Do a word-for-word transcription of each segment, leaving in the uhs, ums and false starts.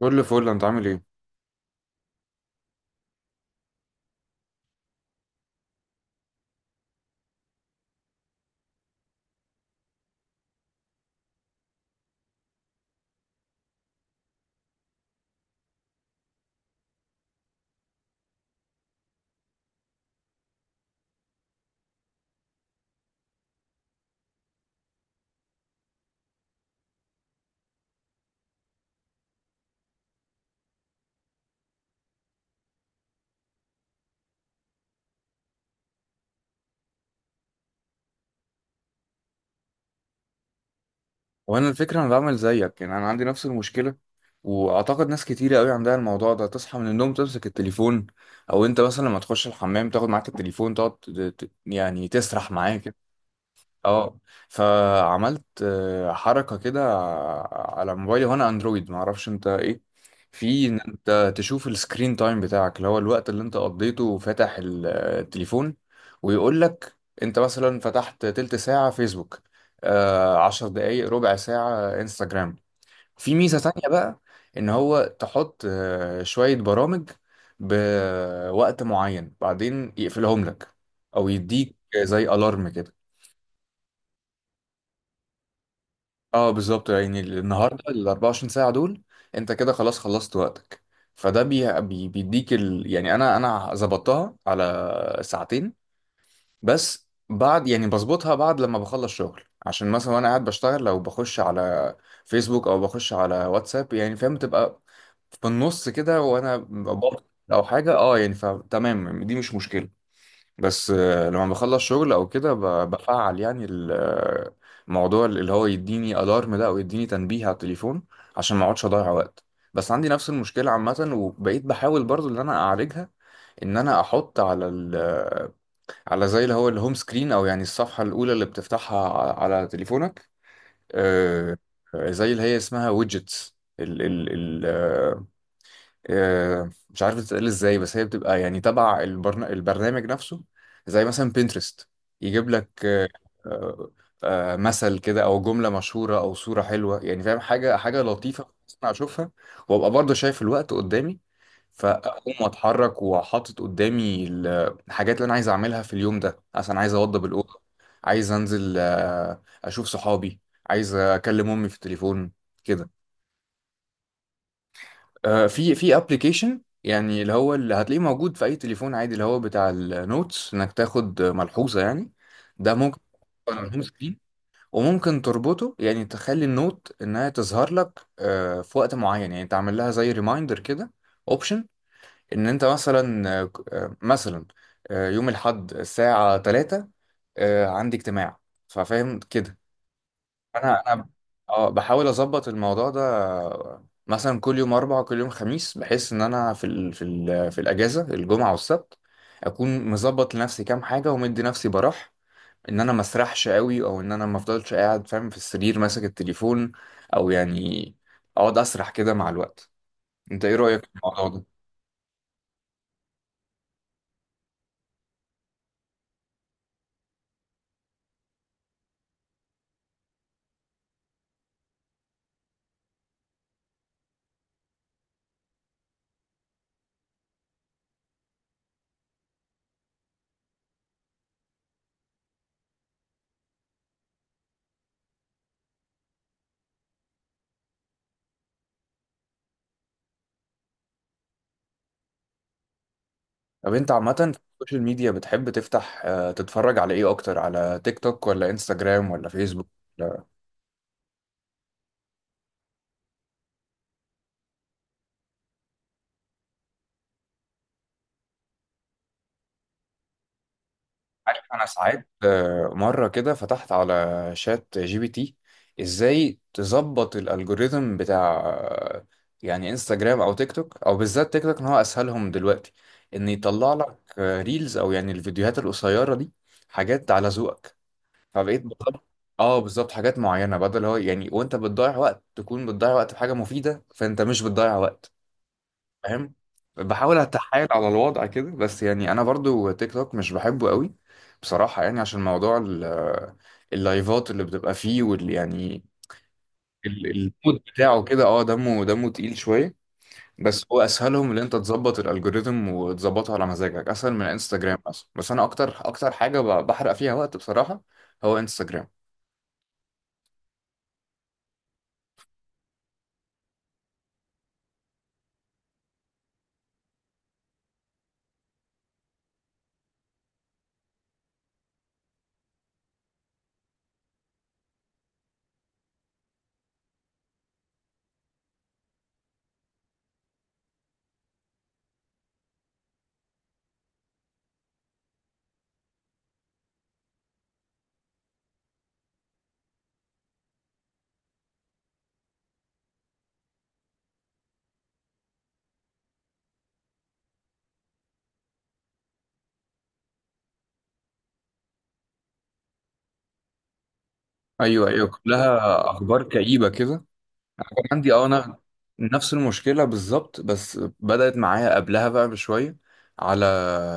كل فل. انت عامل ايه؟ وانا الفكره انا بعمل زيك، يعني انا عندي نفس المشكله، واعتقد ناس كتيره قوي عندها الموضوع ده. تصحى من النوم تمسك التليفون، او انت مثلا لما تخش الحمام تاخد معاك التليفون، تقعد ت- ت- يعني تسرح معاك. اه، فعملت آه، حركة كده على موبايلي، وانا اندرويد معرفش انت ايه، في ان انت تشوف السكرين تايم بتاعك، اللي هو الوقت اللي انت قضيته فاتح ال- آه، التليفون. ويقول لك انت مثلا فتحت تلت ساعة فيسبوك، آه، عشر دقايق ربع ساعة انستجرام. في ميزة تانية بقى، ان هو تحط آه، شوية برامج بوقت معين، بعدين يقفلهم لك او يديك زي الارم كده. اه بالظبط، يعني النهارده ال اربعه وعشرين ساعه دول انت كده خلاص خلصت وقتك. فده بي بي- بيديك ال... يعني انا انا ظبطتها على ساعتين، بس بعد يعني بظبطها بعد لما بخلص شغل، عشان مثلا وانا قاعد بشتغل لو بخش على فيسبوك او بخش على واتساب، يعني فاهم، تبقى في النص كده وانا ببطل او حاجه. اه يعني فتمام دي مش مشكله، بس آه، لما بخلص شغل او كده ب- بفعل يعني ال- آه، الموضوع اللي هو يديني الارم ده او يديني تنبيه على التليفون عشان ما اقعدش اضيع وقت. بس عندي نفس المشكله عامه، وبقيت بحاول برضو ان انا اعالجها، ان انا احط على ال آه، على زي اللي هو الهوم سكرين، او يعني الصفحه الاولى اللي بتفتحها ع- على تليفونك. آه، آه، زي اللي هي اسمها ويدجتس. آه، مش عارف بتتقال ازاي، بس هي بتبقى يعني تبع البرن... البرنامج نفسه، زي مثلا بنترست. يجيب لك آه، آه، آه، مثل كده او جملة مشهورة او صورة حلوة، يعني فاهم، حاجة حاجة لطيفة انا اشوفها، وابقى برضه شايف الوقت قدامي، فاقوم اتحرك وحاطط قدامي ال- الحاجات اللي انا عايز اعملها في اليوم ده. مثلا عايز اوضب الاوضه، عايز انزل آه، اشوف صحابي، عايز اكلم امي في التليفون، كده. آه، في في ابلكيشن، يعني اللي هو اللي هتلاقيه موجود في اي تليفون عادي، اللي هو بتاع النوتس، انك تاخد ملحوظه يعني. ده ممكن تحطه على الهوم سكرين، وممكن تربطه يعني تخلي النوت انها تظهر لك آه، في وقت معين، يعني تعمل لها زي ريمايندر كده، اوبشن. ان انت مثلا آه، آه، مثلا آه، يوم الاحد الساعه الثالثه آه، عندي اجتماع، ففاهم كده. انا انا اه بحاول اظبط الموضوع ده. مثلا كل يوم اربع، كل يوم خميس، بحيث ان انا في ال في ال في الاجازه الجمعه والسبت اكون مظبط لنفسي كام حاجه، ومدي نفسي براح، ان انا ما اسرحش قوي، او ان انا ما افضلش قاعد فاهم في السرير ماسك التليفون، او يعني اقعد اسرح كده مع الوقت. انت ايه رايك في الموضوع ده؟ طب انت عامه في السوشيال ميديا بتحب تفتح آه، تتفرج على ايه اكتر؟ على تيك توك ولا انستجرام ولا فيسبوك؟ عارف، انا ساعات آه، مره كده فتحت على شات جي بي تي ازاي تظبط الالجوريثم بتاع آه، يعني انستجرام او تيك توك، او بالذات تيك توك ان هو اسهلهم دلوقتي، ان يطلع لك آه، ريلز او يعني الفيديوهات القصيره دي حاجات على ذوقك. فبقيت بطلع اه بالظبط حاجات معينه، بدل هو يعني وانت بتضيع وقت تكون بتضيع وقت في حاجه مفيده، فانت مش بتضيع وقت، فاهم. بحاول اتحايل على الوضع كده، بس يعني انا برضو تيك توك مش بحبه قوي بصراحة، يعني عشان موضوع ال- اللايفات اللي بتبقى فيه وال يعني ال- المود بتاعه كده، اه دمه دمه تقيل شوية. بس هو اسهلهم ان انت تظبط الالجوريثم وتظبطه على مزاجك اسهل من انستجرام مثلا. بس انا اكتر اكتر حاجة ب- بحرق فيها وقت بصراحة هو انستجرام. ايوه ايوه، كلها اخبار كئيبة كده. أنا كان عندي اه، انا نفس المشكله بالظبط، بس بدات معايا قبلها بقى بشويه، على،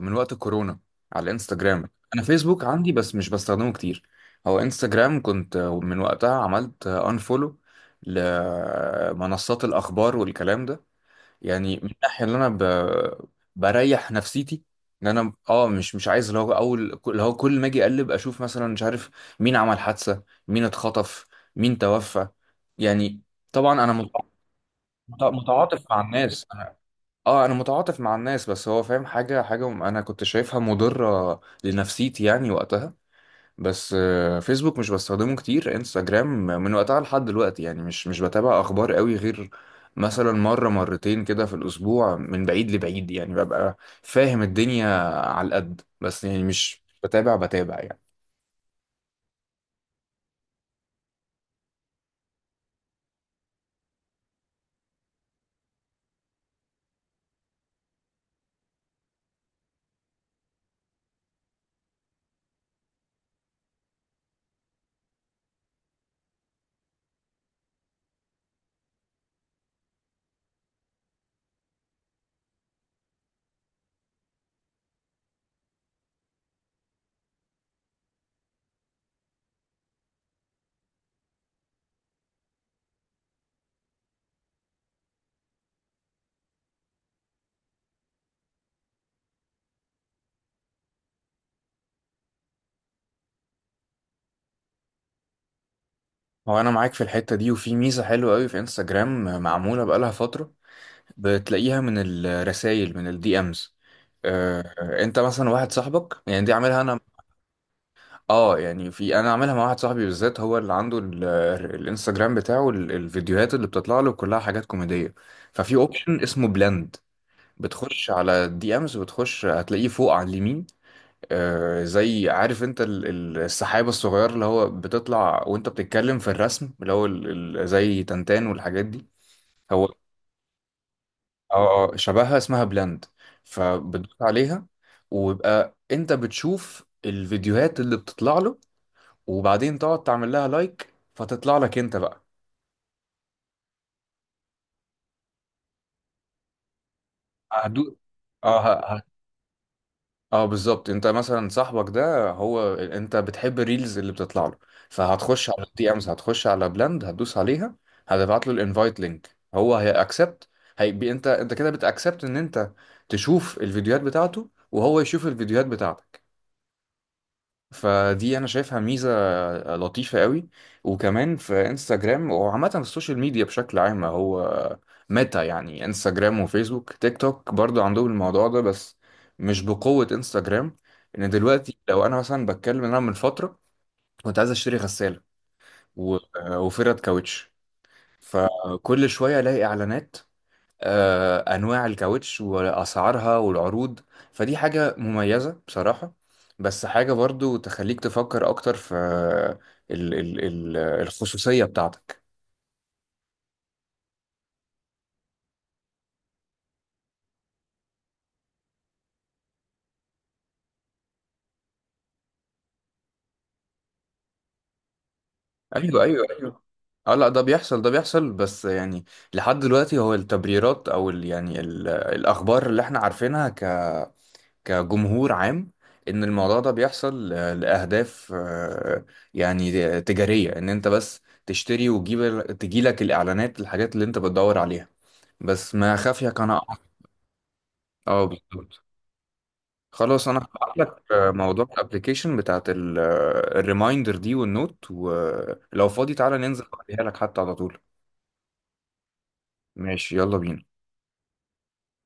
من وقت الكورونا، على انستجرام. انا فيسبوك عندي بس مش بستخدمه كتير. هو انستجرام كنت من وقتها عملت انفولو لمنصات الاخبار والكلام ده، يعني من الناحيه اللي انا ب... بريح نفسيتي، ان انا اه مش مش عايز اللي هو اول، اللي هو كل ما اجي اقلب اشوف مثلا مش عارف مين عمل حادثه، مين اتخطف، مين توفى، يعني. طبعا انا مت- مت- متعاطف مع الناس، انا اه انا متعاطف مع الناس، بس هو فاهم، حاجه حاجه انا كنت شايفها مضره لنفسيتي يعني وقتها. بس آه، فيسبوك مش بستخدمه كتير، انستجرام من وقتها لحد دلوقتي يعني مش مش بتابع اخبار قوي، غير مثلا مرة مرتين كده في الاسبوع من بعيد لبعيد، يعني ببقى فاهم الدنيا على القد، بس يعني مش بتابع بتابع يعني. هو انا معاك في الحتة دي. وفي ميزة حلوة قوي في انستجرام معمولة بقالها فترة، بتلاقيها من الرسائل، من الدي امز. آه، انت مثلا واحد صاحبك، يعني دي عاملها انا اه، يعني في، انا عاملها مع واحد صاحبي بالذات هو اللي عنده ال- الانستجرام بتاعه ال- الفيديوهات اللي بتطلع له كلها حاجات كوميدية. ففي اوبشن اسمه بلند، بتخش على الدي امز، وبتخش هتلاقيه فوق على اليمين. آه زي، عارف انت ال- ال- السحابة الصغير اللي هو بتطلع وانت بتتكلم في الرسم، اللي هو ال- ال- زي تنتان والحاجات دي. هو اه آه، شبهها، اسمها بلند، فبتدوس عليها، ويبقى انت بتشوف الفيديوهات اللي بتطلع له، وبعدين تقعد تعمل لها لايك فتطلع لك انت بقى. هدو اه ه- ه- اه بالظبط، انت مثلا صاحبك ده هو ال- انت بتحب الريلز اللي بتطلع له، فهتخش على الدي امز، هتخش على بلند، هتدوس عليها، هتبعت له الانفايت لينك، هو هيأكسبت، هيبقى انت، انت كده بتأكسبت ان انت تشوف الفيديوهات بتاعته وهو يشوف الفيديوهات بتاعتك. فدي انا شايفها ميزه لطيفه قوي. وكمان في انستجرام، وعامه في السوشيال ميديا بشكل عام، هو ميتا يعني انستجرام وفيسبوك، تيك توك برضو عندهم الموضوع ده بس مش بقوه انستجرام. ان دلوقتي لو انا مثلا بتكلم إن انا من فتره كنت عايز اشتري غساله و- وفرد كاوتش، فكل شويه الاقي اعلانات آه، انواع الكاوتش واسعارها والعروض. فدي حاجه مميزه بصراحه، بس حاجه برضو تخليك تفكر اكتر في ال ال ال الخصوصيه بتاعتك. ايوه ايوه ايوه، اه لا ده بيحصل، ده بيحصل بس يعني لحد دلوقتي هو التبريرات، او ال يعني ال الاخبار اللي احنا عارفينها كجمهور عام، ان الموضوع ده بيحصل آه، لاهداف آه، يعني آه، تجاريه، ان انت بس تشتري وتجيب تجيلك الاعلانات الحاجات اللي انت بتدور عليها. بس ما خافيك انا أعرف. اه بالظبط. خلاص انا هبعت لك آه، موضوع الابلكيشن بتاعت ال- آه، الريمايندر دي والنوت، ولو فاضي تعالى ننزل اوريها لك حتى على طول. ماشي يلا بينا.